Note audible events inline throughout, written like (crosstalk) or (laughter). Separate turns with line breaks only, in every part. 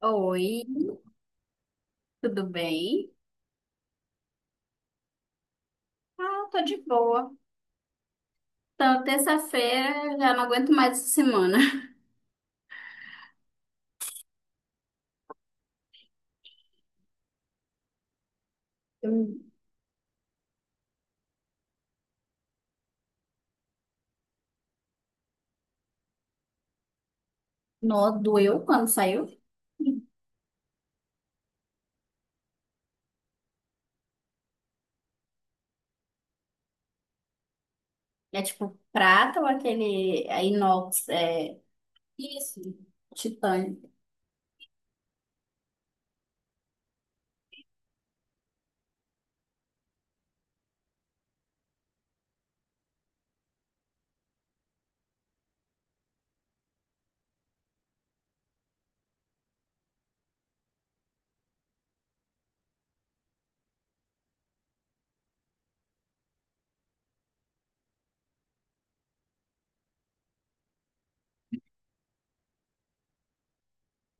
Oi, tudo bem? Ah, tô de boa. Então, terça-feira já não aguento mais essa semana. (laughs) Nó doeu quando saiu. É tipo prata ou aquele é, inox, é isso, titânio.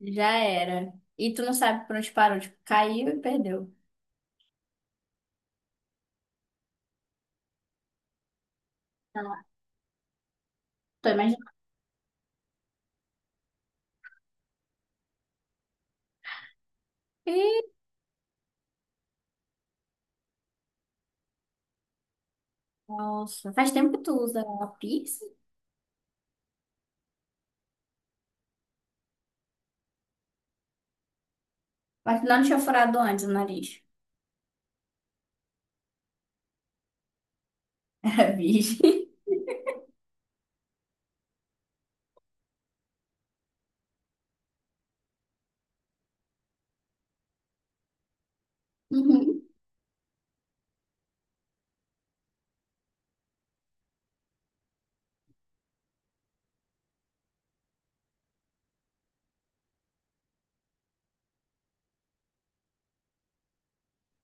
Já era. E tu não sabe por onde parou, tipo, caiu e perdeu. Ah, tô imaginando. Ih, nossa, faz tempo que tu usa a piercing? Mas não tinha furado antes o nariz. (laughs) Era virgem. Uhum.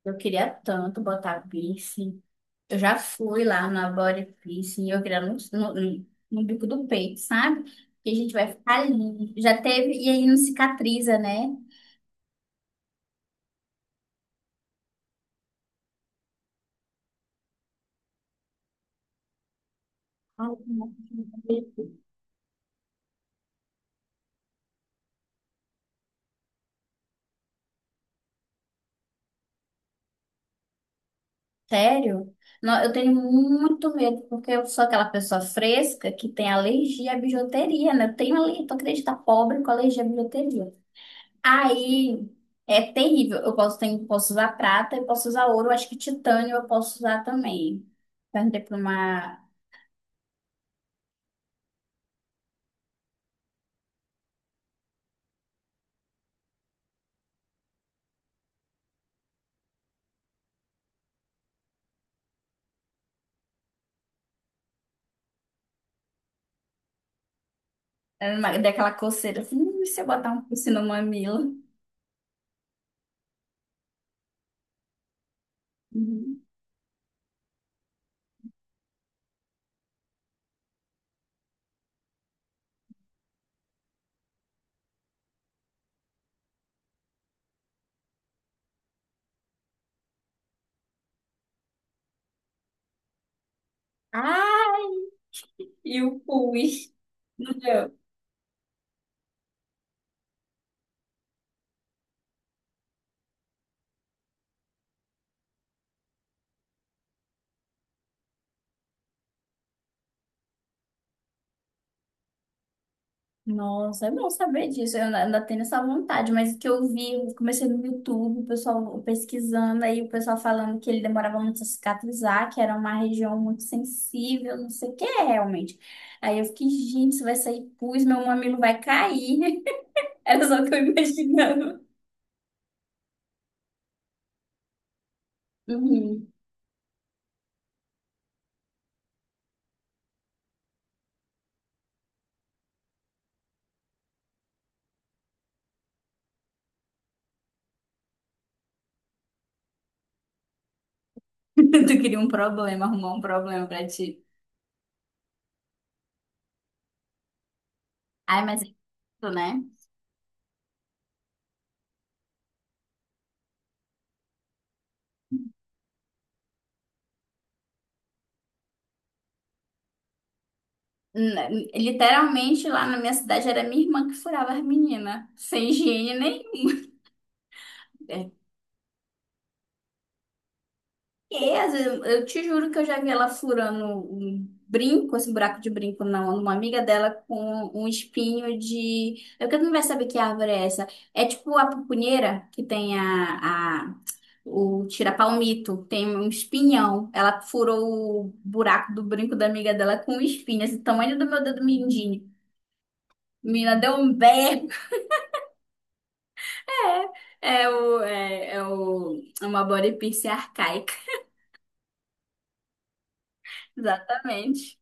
Eu queria tanto botar piercing. Eu já fui lá na Body Piercing, e eu queria no bico do peito, sabe? Que a gente vai ficar ali. Já teve, e aí não cicatriza, né? Ai, não. Sério? Não, eu tenho muito medo, porque eu sou aquela pessoa fresca que tem alergia à bijuteria, né? Eu tenho ali, tu acredita, pobre com alergia à bijuteria. Aí é terrível. Eu posso, tenho, posso usar prata, eu posso usar ouro, eu acho que titânio eu posso usar também. Perguntei para uma. Daquela coceira assim: e se eu botar um piercing no mamilo?" Uhum. Ah, e o pus. Não deu. Nossa, é bom saber disso. Eu ainda tenho essa vontade, mas o que eu vi, eu comecei no YouTube, o pessoal pesquisando, aí o pessoal falando que ele demorava muito a cicatrizar, que era uma região muito sensível, não sei o que é realmente. Aí eu fiquei, gente, se vai sair pus, meu mamilo vai cair. (laughs) Era só o que eu imaginava. Uhum. (laughs) Tu queria um problema, arrumar um problema pra ti. Ai, mas é isso, né? Literalmente lá na minha cidade era minha irmã que furava as meninas, sem higiene nem. É. E, às vezes, eu te juro que eu já vi ela furando um brinco, esse buraco de brinco na numa amiga dela com um espinho de. Eu que não vai saber que árvore é essa. É tipo a pupunheira que tem a o tira-palmito, tem um espinhão. Ela furou o buraco do brinco da amiga dela com um espinho, esse tamanho do meu dedo mindinho. Menina, deu um berro. É, é o, é é o, é uma body piercing arcaica. (laughs) Exatamente.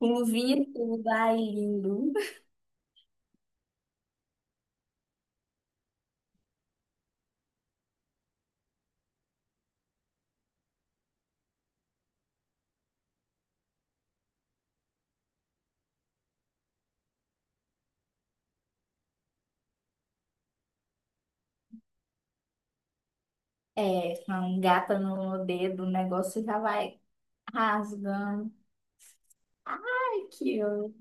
Com luvinha e tudo. Ai, lindo. É, com gata no dedo, o negócio já vai rasgando. Ai, que eu...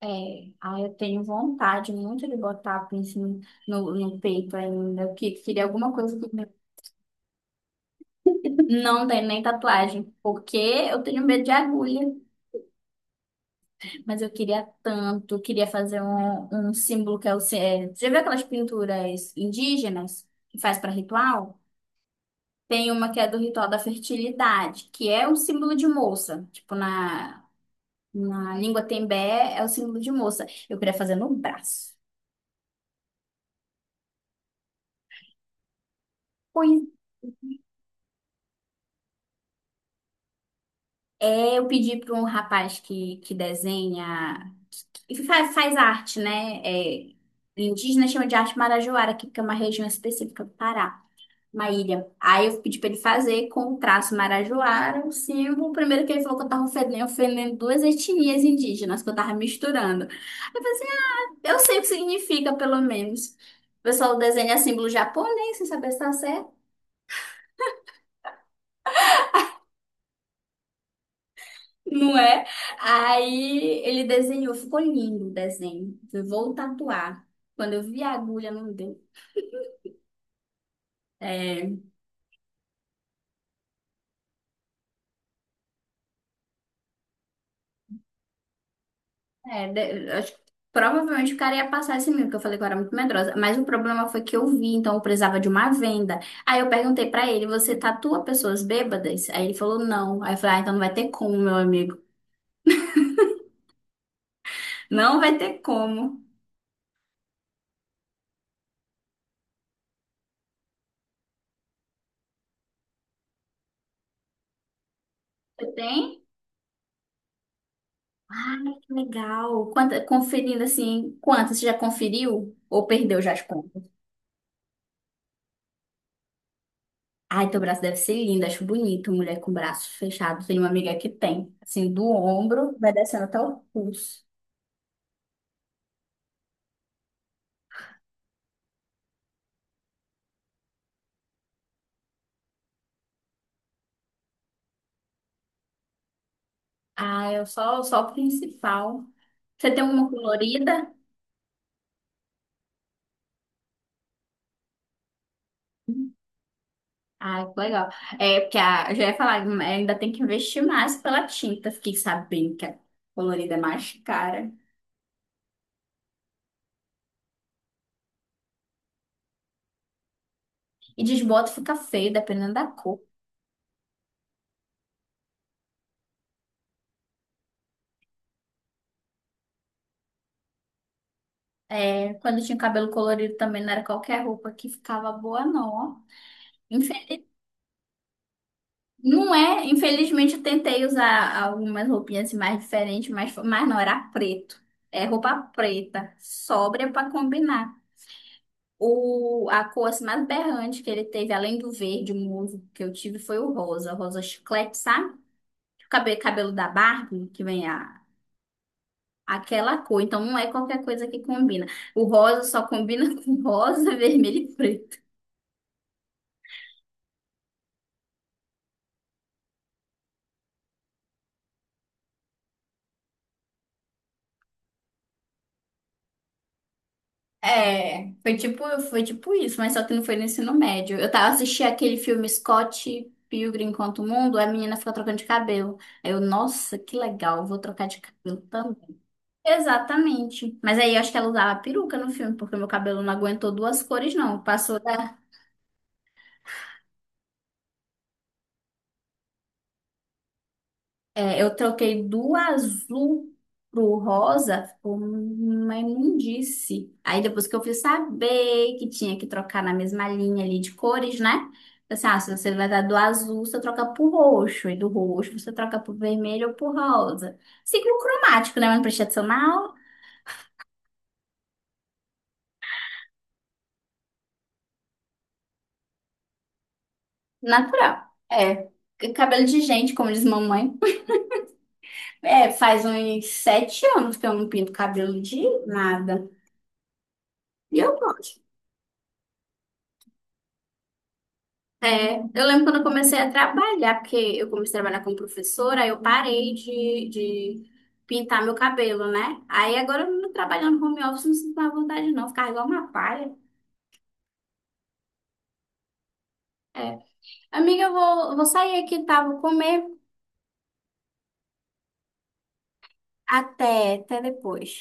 É, ai, eu tenho vontade muito de botar piercing no peito ainda. Queria alguma coisa que não tem nem tatuagem, porque eu tenho medo de agulha. Mas eu queria tanto, queria fazer um símbolo que é o. É, já viu aquelas pinturas indígenas que faz para ritual? Tem uma que é do ritual da fertilidade, que é um símbolo de moça. Na língua tembé é o símbolo de moça. Eu queria fazer no braço. Pois é, eu pedi para um rapaz que desenha, que faz, faz arte, né? É, indígena chama de arte marajoara, que é uma região específica do Pará. Uma ilha. Aí eu pedi pra ele fazer com o traço marajoara, um símbolo. Primeiro que ele falou que eu tava ofendendo, ofendendo duas etnias indígenas, que eu tava misturando. Aí eu falei assim: "Ah, eu sei o que significa, pelo menos. O pessoal desenha símbolo japonês, sem saber se tá certo." (laughs) Não é? Aí ele desenhou, ficou lindo o desenho. Eu vou tatuar. Quando eu vi a agulha, não deu. É, é, acho que provavelmente o cara ia passar esse medo, que eu falei que eu era muito medrosa. Mas o problema foi que eu vi, então eu precisava de uma venda. Aí eu perguntei pra ele: você tatua pessoas bêbadas? Aí ele falou: não. Aí eu falei: ah, então não vai ter como, meu amigo. Não vai ter como. Você tem? Ah, que legal. Quanta, conferindo assim, quantas? Você já conferiu? Ou perdeu já as contas? Ai, teu braço deve ser lindo, acho bonito, mulher com braço fechado. Tem uma amiga que tem, assim, do ombro, vai descendo até o pulso. Ah, eu só, só o principal. Você tem uma colorida? Ah, que legal. É, porque a, eu já ia falar, né, ainda tem que investir mais pela tinta. Fiquei sabendo que a colorida é mais cara. E desbota, fica feio, dependendo da cor. É, quando eu tinha cabelo colorido também não era qualquer roupa que ficava boa, não. Ó. Infel- Não é, infelizmente eu tentei usar algumas roupinhas assim, mais diferentes, mas não, era preto. É roupa preta, sóbria pra combinar. A cor assim, mais berrante que ele teve, além do verde, o musgo que eu tive, foi o rosa, rosa chiclete, sabe? O cabelo, cabelo da Barbie, que vem a, aquela cor. Então não é qualquer coisa que combina. O rosa só combina (laughs) com rosa, vermelho e preto. É, foi tipo, Foi tipo isso, mas só que não foi no ensino médio. Eu tava assistindo aquele filme Scott Pilgrim contra o Mundo, a menina ficou trocando de cabelo. Aí eu, nossa, que legal, eu vou trocar de cabelo. Exatamente. Mas aí eu acho que ela usava peruca no filme, porque meu cabelo não aguentou duas cores, não. Passou da. É, eu troquei do azul pro rosa, ficou uma imundice. Aí depois que eu fui saber que tinha que trocar na mesma linha ali de cores, né? Falei assim: ah, se você vai dar do azul, você troca pro roxo, e do roxo você troca pro vermelho ou pro rosa. Ciclo cromático, né? Uma prestação natural. É. Cabelo de gente, como diz mamãe. É, faz uns 7 anos que eu não pinto cabelo de nada. E eu gosto. É, eu lembro quando eu comecei a trabalhar, porque eu comecei a trabalhar como professora, aí eu parei de pintar meu cabelo, né? Aí agora eu trabalhando no home office, não sinto mais vontade não, ficar igual uma palha. É. Amiga, eu vou sair aqui, tá? Vou comer. Até, até depois.